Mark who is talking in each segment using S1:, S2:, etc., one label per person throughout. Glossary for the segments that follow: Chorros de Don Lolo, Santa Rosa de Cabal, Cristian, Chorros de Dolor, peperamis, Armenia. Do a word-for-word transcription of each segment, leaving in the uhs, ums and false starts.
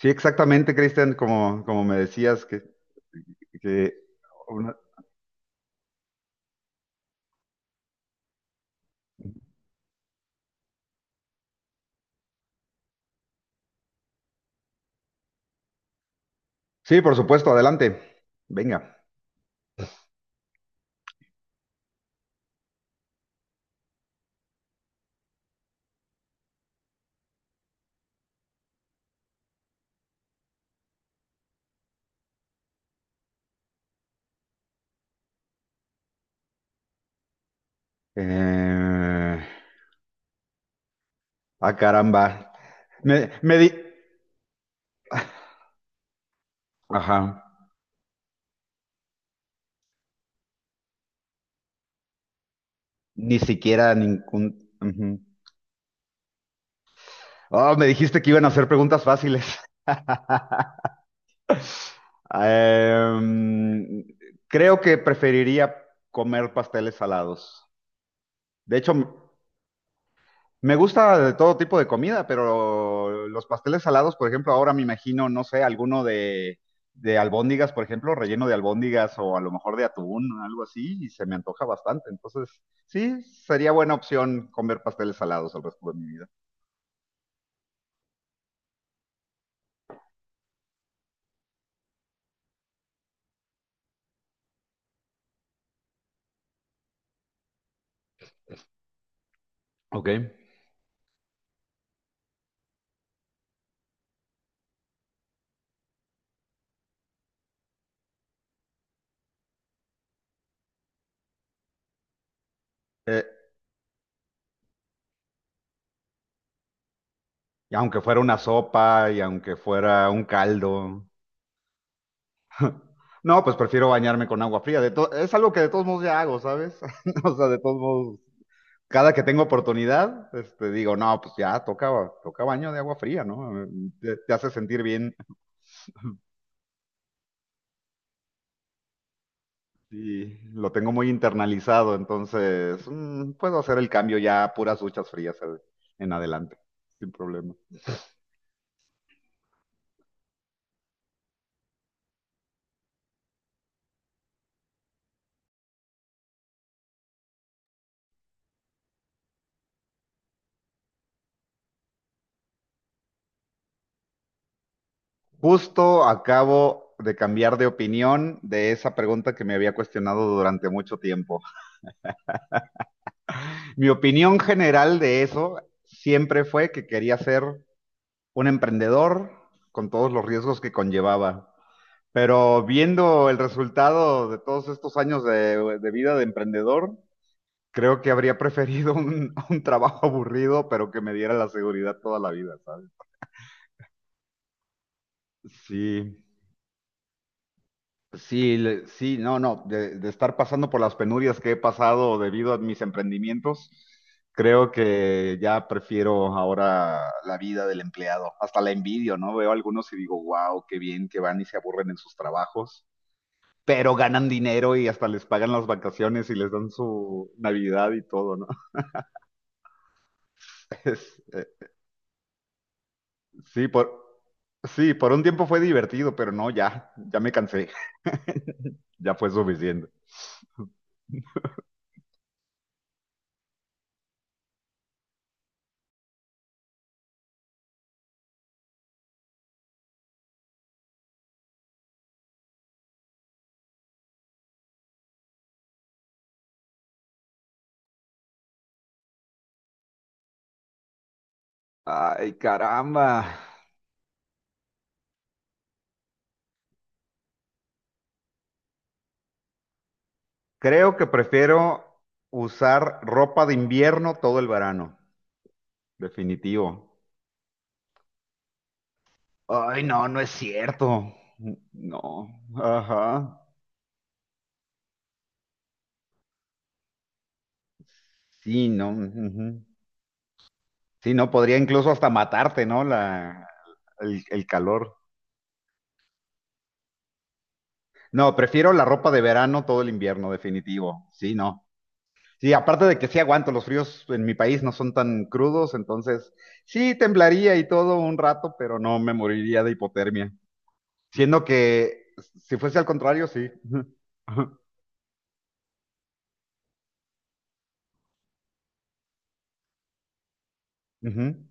S1: Sí, exactamente, Cristian, como, como me decías que, que una- Sí, por supuesto, adelante. Venga. Eh, Ah, caramba. Me, me di... Ajá. Ni siquiera ningún... ujú. Oh, me dijiste que iban a hacer preguntas fáciles. Em, Creo que preferiría comer pasteles salados. De hecho, Me gusta de todo tipo de comida, pero los pasteles salados, por ejemplo, ahora me imagino, no sé, alguno de, de albóndigas, por ejemplo, relleno de albóndigas o a lo mejor de atún, algo así, y se me antoja bastante. Entonces, sí, sería buena opción comer pasteles salados el resto de mi vida. Ok. Eh, ¿Y aunque fuera una sopa y aunque fuera un caldo? No, pues prefiero bañarme con agua fría. De to- es algo que de todos modos ya hago, ¿sabes? O sea, de todos modos cada que tengo oportunidad, este, digo, no, pues ya toca, toca baño de agua fría, ¿no? Te, te hace sentir bien y lo tengo muy internalizado, entonces mm, puedo hacer el cambio ya a puras duchas frías eh, en adelante, sin problema. Justo acabo de cambiar de opinión de esa pregunta que me había cuestionado durante mucho tiempo. Mi opinión general de eso siempre fue que quería ser un emprendedor con todos los riesgos que conllevaba. Pero viendo el resultado de todos estos años de, de vida de emprendedor, creo que habría preferido un, un trabajo aburrido, pero que me diera la seguridad toda la vida, ¿sabes? Sí, sí, le- sí, no, no, de, de estar pasando por las penurias que he pasado debido a mis emprendimientos, creo que ya prefiero ahora la vida del empleado. Hasta la envidio, ¿no? Veo algunos y digo, wow, qué bien que van y se aburren en sus trabajos. Pero ganan dinero y hasta les pagan las vacaciones y les dan su Navidad y todo, ¿no? Es, eh, sí, por, sí, por un tiempo fue divertido, pero no, ya, ya me cansé, ya fue suficiente. Ay, caramba. Creo que prefiero usar ropa de invierno todo el verano, definitivo. Ay, no, no es cierto. No, ajá. Sí, no. Ujú. Sí, no, podría incluso hasta matarte, ¿no? La, el, el calor. No, prefiero la ropa de verano todo el invierno, definitivo. Sí, no. Sí, aparte de que sí aguanto, los fríos en mi país no son tan crudos, entonces sí temblaría y todo un rato, pero no me moriría de hipotermia. Siendo que si fuese al contrario, sí. Ujú.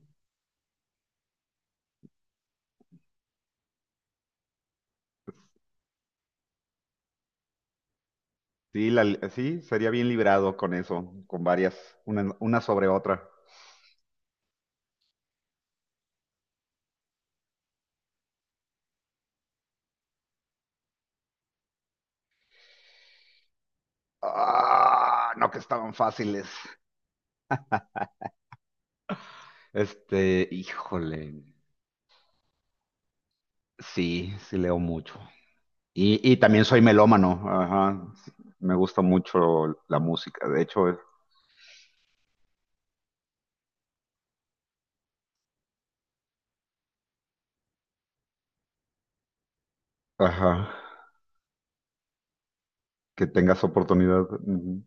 S1: Sí, la- sí, sería bien librado con eso, con varias, una, una sobre otra. Ah, no que estaban fáciles. Este, híjole. Sí, sí leo mucho. Y, y también soy melómano, ajá. Me gusta mucho la música, de hecho, es- ajá, que tengas oportunidad. Ujú.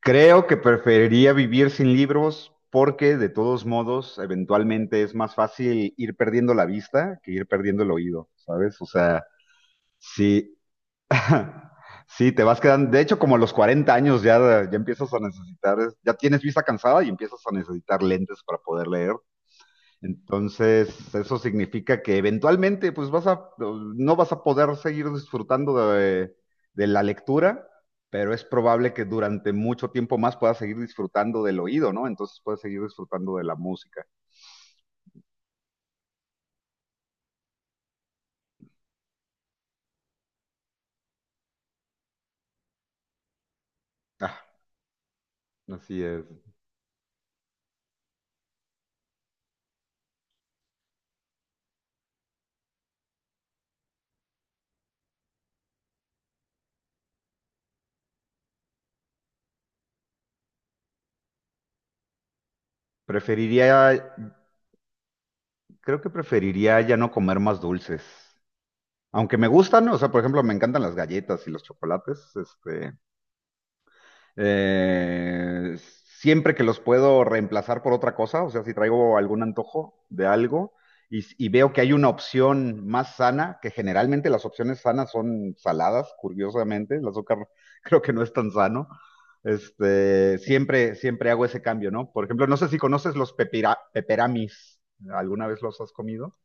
S1: Creo que preferiría vivir sin libros porque de todos modos, eventualmente es más fácil ir perdiendo la vista que ir perdiendo el oído, ¿sabes? O sea, sí, sí, te vas quedando, de hecho, como a los cuarenta años ya, ya empiezas a necesitar, ya tienes vista cansada y empiezas a necesitar lentes para poder leer. Entonces, eso significa que eventualmente, pues vas a, no vas a poder seguir disfrutando de, de la lectura, pero es probable que durante mucho tiempo más puedas seguir disfrutando del oído, ¿no? Entonces puedes seguir disfrutando de la música. Ah, así es. Preferiría, Creo que preferiría ya no comer más dulces. Aunque me gustan, o sea, por ejemplo, me encantan las galletas y los chocolates, este, Eh, siempre que los puedo reemplazar por otra cosa, o sea, si traigo algún antojo de algo y, y veo que hay una opción más sana, que generalmente las opciones sanas son saladas, curiosamente, el azúcar creo que no es tan sano. Este, siempre, siempre hago ese cambio, ¿no? Por ejemplo, no sé si conoces los pepira- peperamis. ¿Alguna vez los has comido?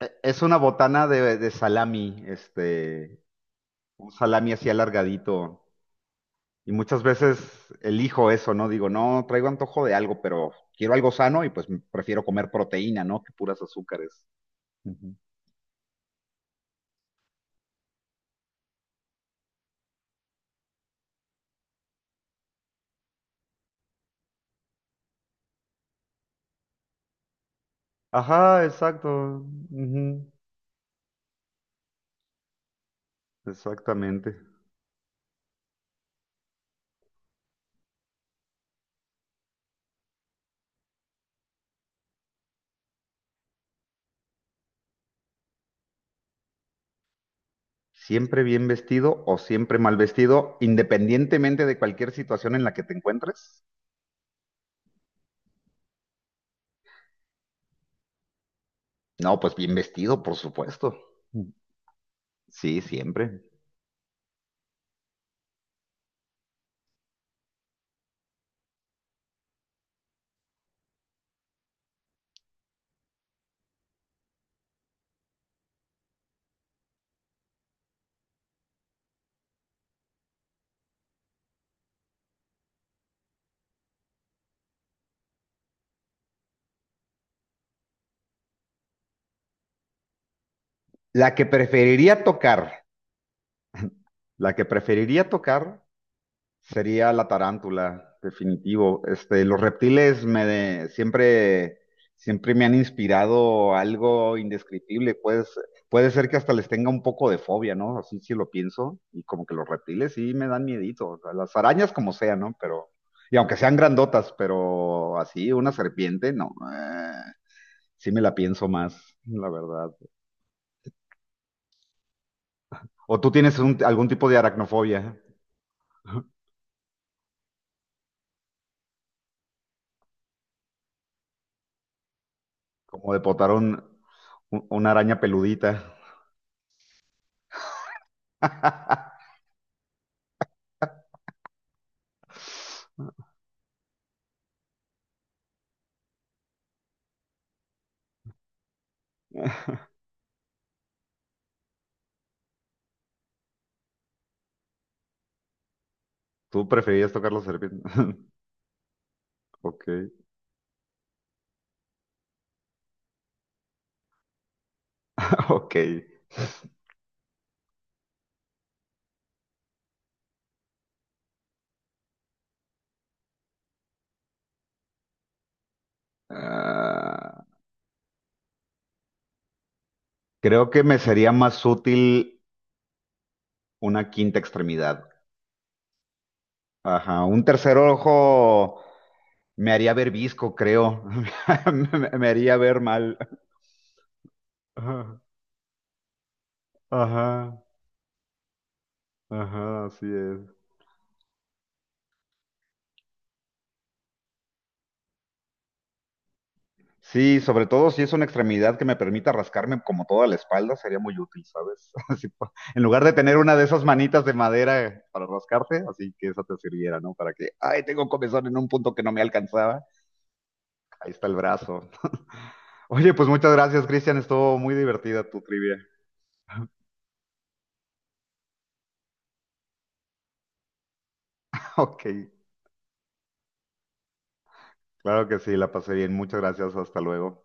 S1: E- Es una botana de, de salami, este, un salami así alargadito. Y muchas veces elijo eso, ¿no? Digo, no, traigo antojo de algo, pero quiero algo sano y pues prefiero comer proteína, ¿no? Que puras azúcares. Ujú. Ajá, exacto. Ujú. Exactamente. ¿Siempre bien vestido o siempre mal vestido, independientemente de cualquier situación en la que te encuentres? No, pues bien vestido, por supuesto. Sí, siempre. La que preferiría tocar, la que preferiría tocar sería la tarántula, definitivo. Este, los reptiles me de- siempre, siempre me han inspirado algo indescriptible. Pues, puede ser que hasta les tenga un poco de fobia, ¿no? Así sí lo pienso. Y como que los reptiles sí me dan miedito. O sea, las arañas como sea, ¿no? Pero, y aunque sean grandotas, pero así, una serpiente, no. Eh, sí me la pienso más, la verdad. ¿O tú tienes un- algún tipo de aracnofobia? ¿Como de potar un- un- una araña peludita? Tú preferías tocar los serpientes. Ok, ok. Ah, creo que me sería más útil una quinta extremidad. Ajá, un tercer ojo me haría ver visco, creo. Me, me me haría ver mal. Ajá, ajá, ajá, así es. Sí, sobre todo si es una extremidad que me permita rascarme como toda la espalda, sería muy útil, ¿sabes? Así pa- en lugar de tener una de esas manitas de madera para rascarte, así que esa te sirviera, ¿no? Para que, ay, tengo comezón en un punto que no me alcanzaba. Ahí está el brazo. Oye, pues muchas gracias, Cristian. Estuvo muy divertida tu trivia. Ok, claro que sí, la pasé bien. Muchas gracias. Hasta luego.